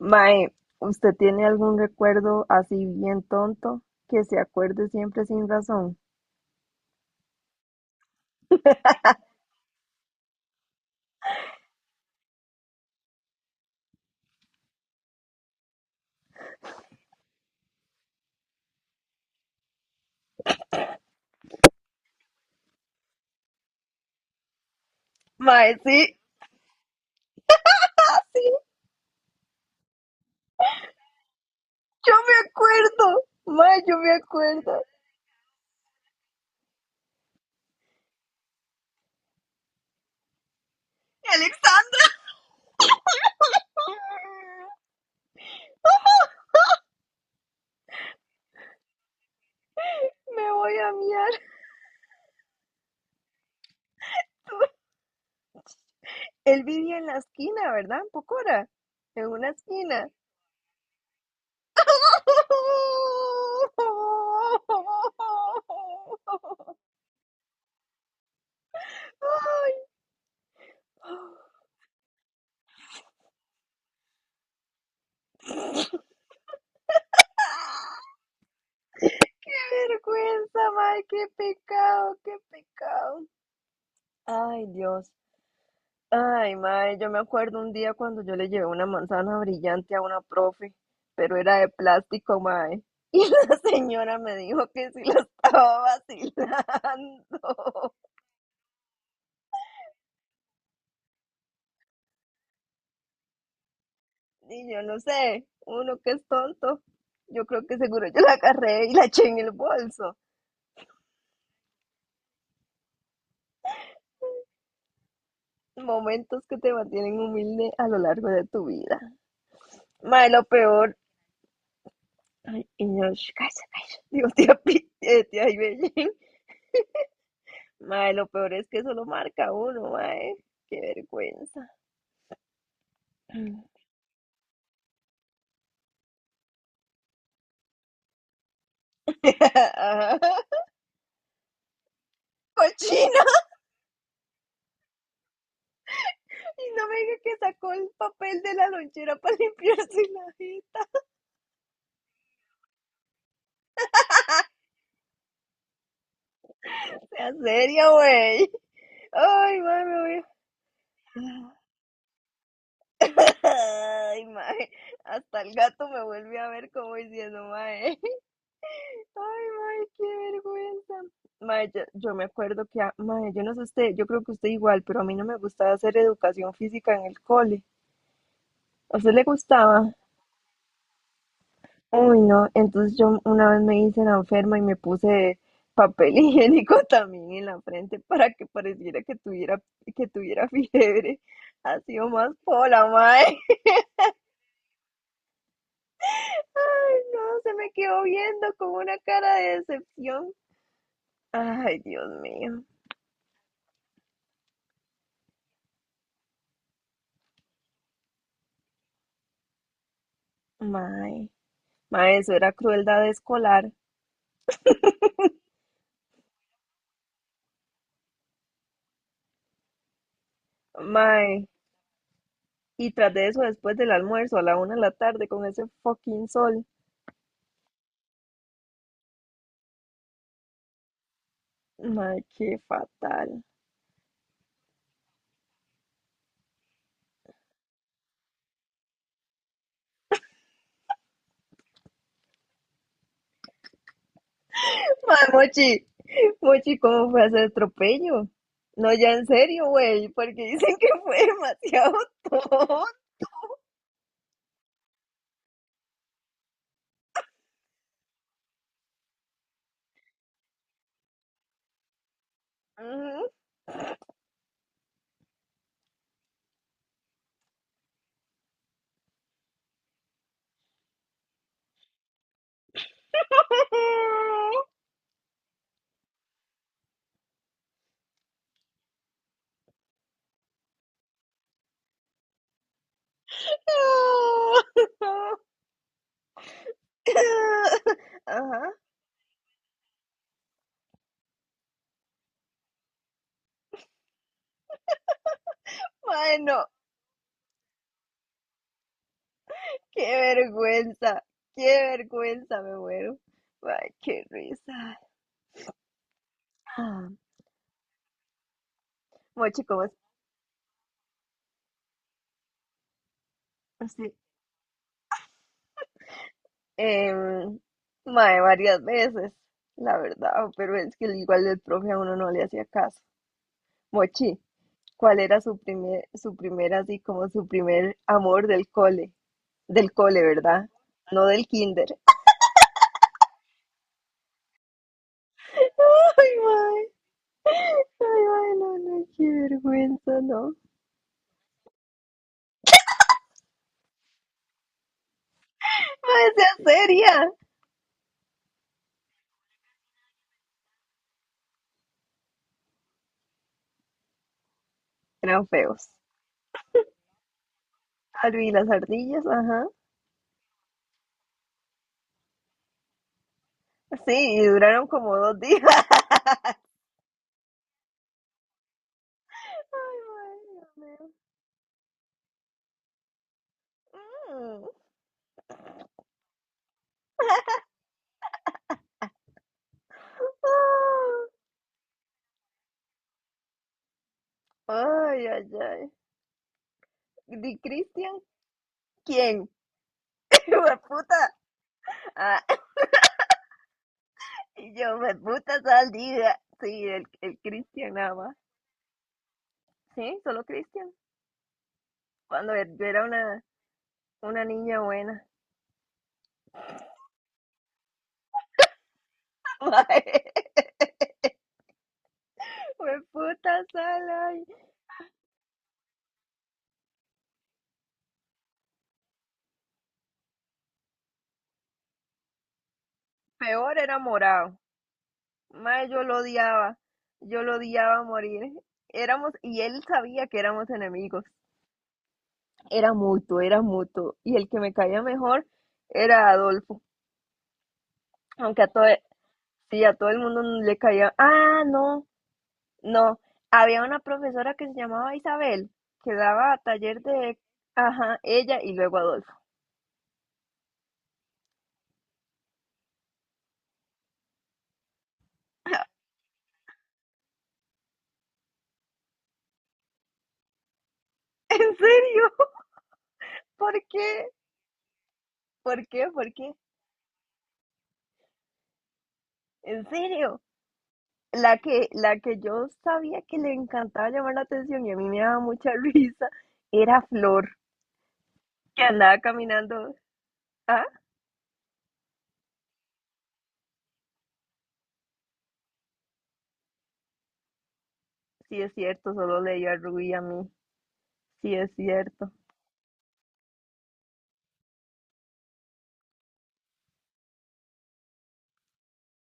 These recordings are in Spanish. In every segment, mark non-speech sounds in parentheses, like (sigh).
Mae, ¿usted tiene algún recuerdo así bien tonto que se acuerde siempre sin razón? Mae, sí. Ah, sí, yo me acuerdo. Mae, yo me acuerdo. Alexandra, (laughs) ah, me voy a miar. Él vivía en la esquina, ¿verdad? En Pocora, en una esquina. (laughs) Ay, qué vergüenza, mae, qué pecado, qué pecado. Ay, Dios. Ay, mae, yo me acuerdo un día cuando yo le llevé una manzana brillante a una profe, pero era de plástico, mae. (laughs) Y la señora me dijo que si la estaba vacilando. Y yo no sé, uno que es tonto. Yo creo que seguro yo la agarré y la eché en el bolso. Momentos que te mantienen humilde a lo largo de tu vida. Mae, lo peor. Ay, y yo, "Sh, cállese, cállese". (laughs) Digo, tía, tía Ibellín, (laughs) mae, lo peor es que eso lo marca uno, mae. Qué vergüenza. Mm. (laughs) Ajá. Cochina. Y no me diga que sacó el papel de la lonchera para (laughs) limpiarse la jeta. Sea seria, güey. Ay, mae, me voy. a- (laughs) Ay, mae. Hasta el gato me vuelve a ver como diciendo, mae. Ay, mae, qué vergüenza. Mae, yo me acuerdo que, mae, yo no sé usted, yo creo que usted igual, pero a mí no me gustaba hacer educación física en el cole. ¿A usted le gustaba? Uy, no. Entonces yo una vez me hice la enferma y me puse papel (laughs) higiénico también en la frente para que pareciera que tuviera fiebre. Ha sido más pola, mae. (laughs) Ay, no, se me quedó viendo con una cara de decepción. Ay, Dios mío. Mae. Mae, eso era crueldad escolar. Mae, y tras de eso, después del almuerzo a la 1 de la tarde con ese fucking sol. Mae, qué fatal. Mae, Mochi, Mochi, ¿cómo fue ese atropello? No, ya en serio, güey, porque dicen que fue demasiado tonto. Ajá. Bueno, qué vergüenza, qué vergüenza, me muero. Ay, qué risa. Ah. Mochi, ¿cómo es? Sí, em, mae, varias veces, la verdad, pero es que igual el profe a uno no le hacía caso. Mochi, ¿cuál era así como su primer amor del cole? Del cole, ¿verdad? No del kinder. (laughs) Ay, mae, ay, mae, no, no, qué vergüenza, no. Mae, sea seria. Eran feos. Albi las ardillas, ajá. Sí, y duraron como 2 días. (laughs) Ay, mae, Dios mío. Mm. Ah. Ay, ay, ay. Di Cristian, ¿quién? (laughs) Puta. Ah, y yo, me puta saldiga. Sí, el Cristian nada más. Sí, solo Cristian. Cuando yo era una niña buena. (laughs) Me puta sal, ay. Peor era morado. Mae, yo lo odiaba. Yo lo odiaba a morir. Éramos, y él sabía que éramos enemigos. Era mutuo, era mutuo. Y el que me caía mejor era Adolfo. Aunque a, todo, sí, a todo el mundo le caía. Ah, no, no. Había una profesora que se llamaba Isabel, que daba taller de, ajá, ella y luego Adolfo. (laughs) ¿En serio? ¿Por qué? ¿Por qué? ¿Por qué? ¿En serio? La que yo sabía que le encantaba llamar la atención y a mí me daba mucha (laughs) risa era Flor, que andaba caminando. Ah, sí es cierto, solo leía a Rubí y a mí. Sí es cierto.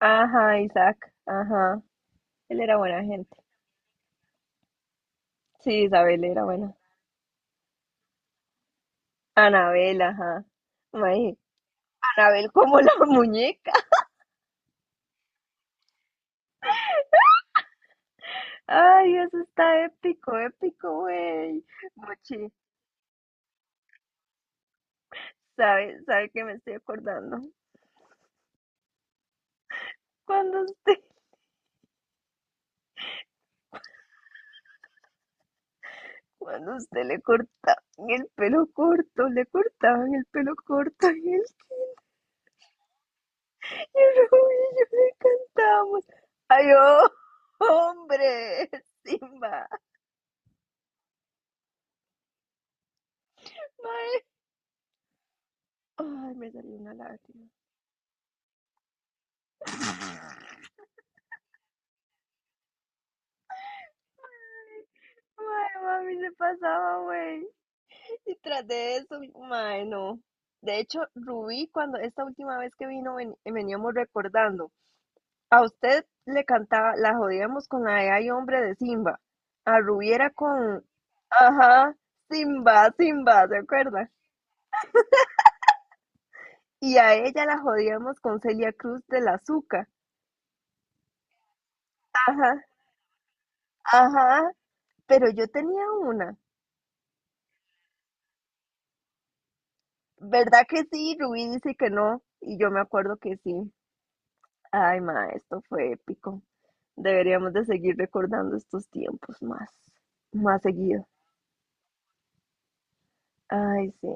Ajá, Isaac, ajá. Él era buena gente. Sí, Isabel era buena. Anabel, ajá. Mae, Anabel como la (laughs) muñeca. Ay, eso está épico, épico, güey. Mochi, ¿sabe, sabe que me estoy acordando? Cuando usted, cuando usted le cortaban el pelo corto, le cortaban el pelo corto y el rubio le cantábamos. Ay, oh, hombre, Simba. Mae, ay, me salió una lágrima. Ay, mami, se pasaba, güey. Y tras de eso, mae, no. De hecho, Rubí, cuando esta última vez que vino, veníamos recordando, a usted le cantaba, la jodíamos con la de Ay Hombre de Simba. A Rubí era con, ajá, Simba, Simba, ¿se acuerda? Y a ella la jodíamos con Celia Cruz de la Zuca. Ajá, ajá, pero yo tenía una. ¿Verdad que sí? Rubí dice que no. Y yo me acuerdo que sí. Ay, ma, esto fue épico. Deberíamos de seguir recordando estos tiempos más, más seguido. Ay, sí.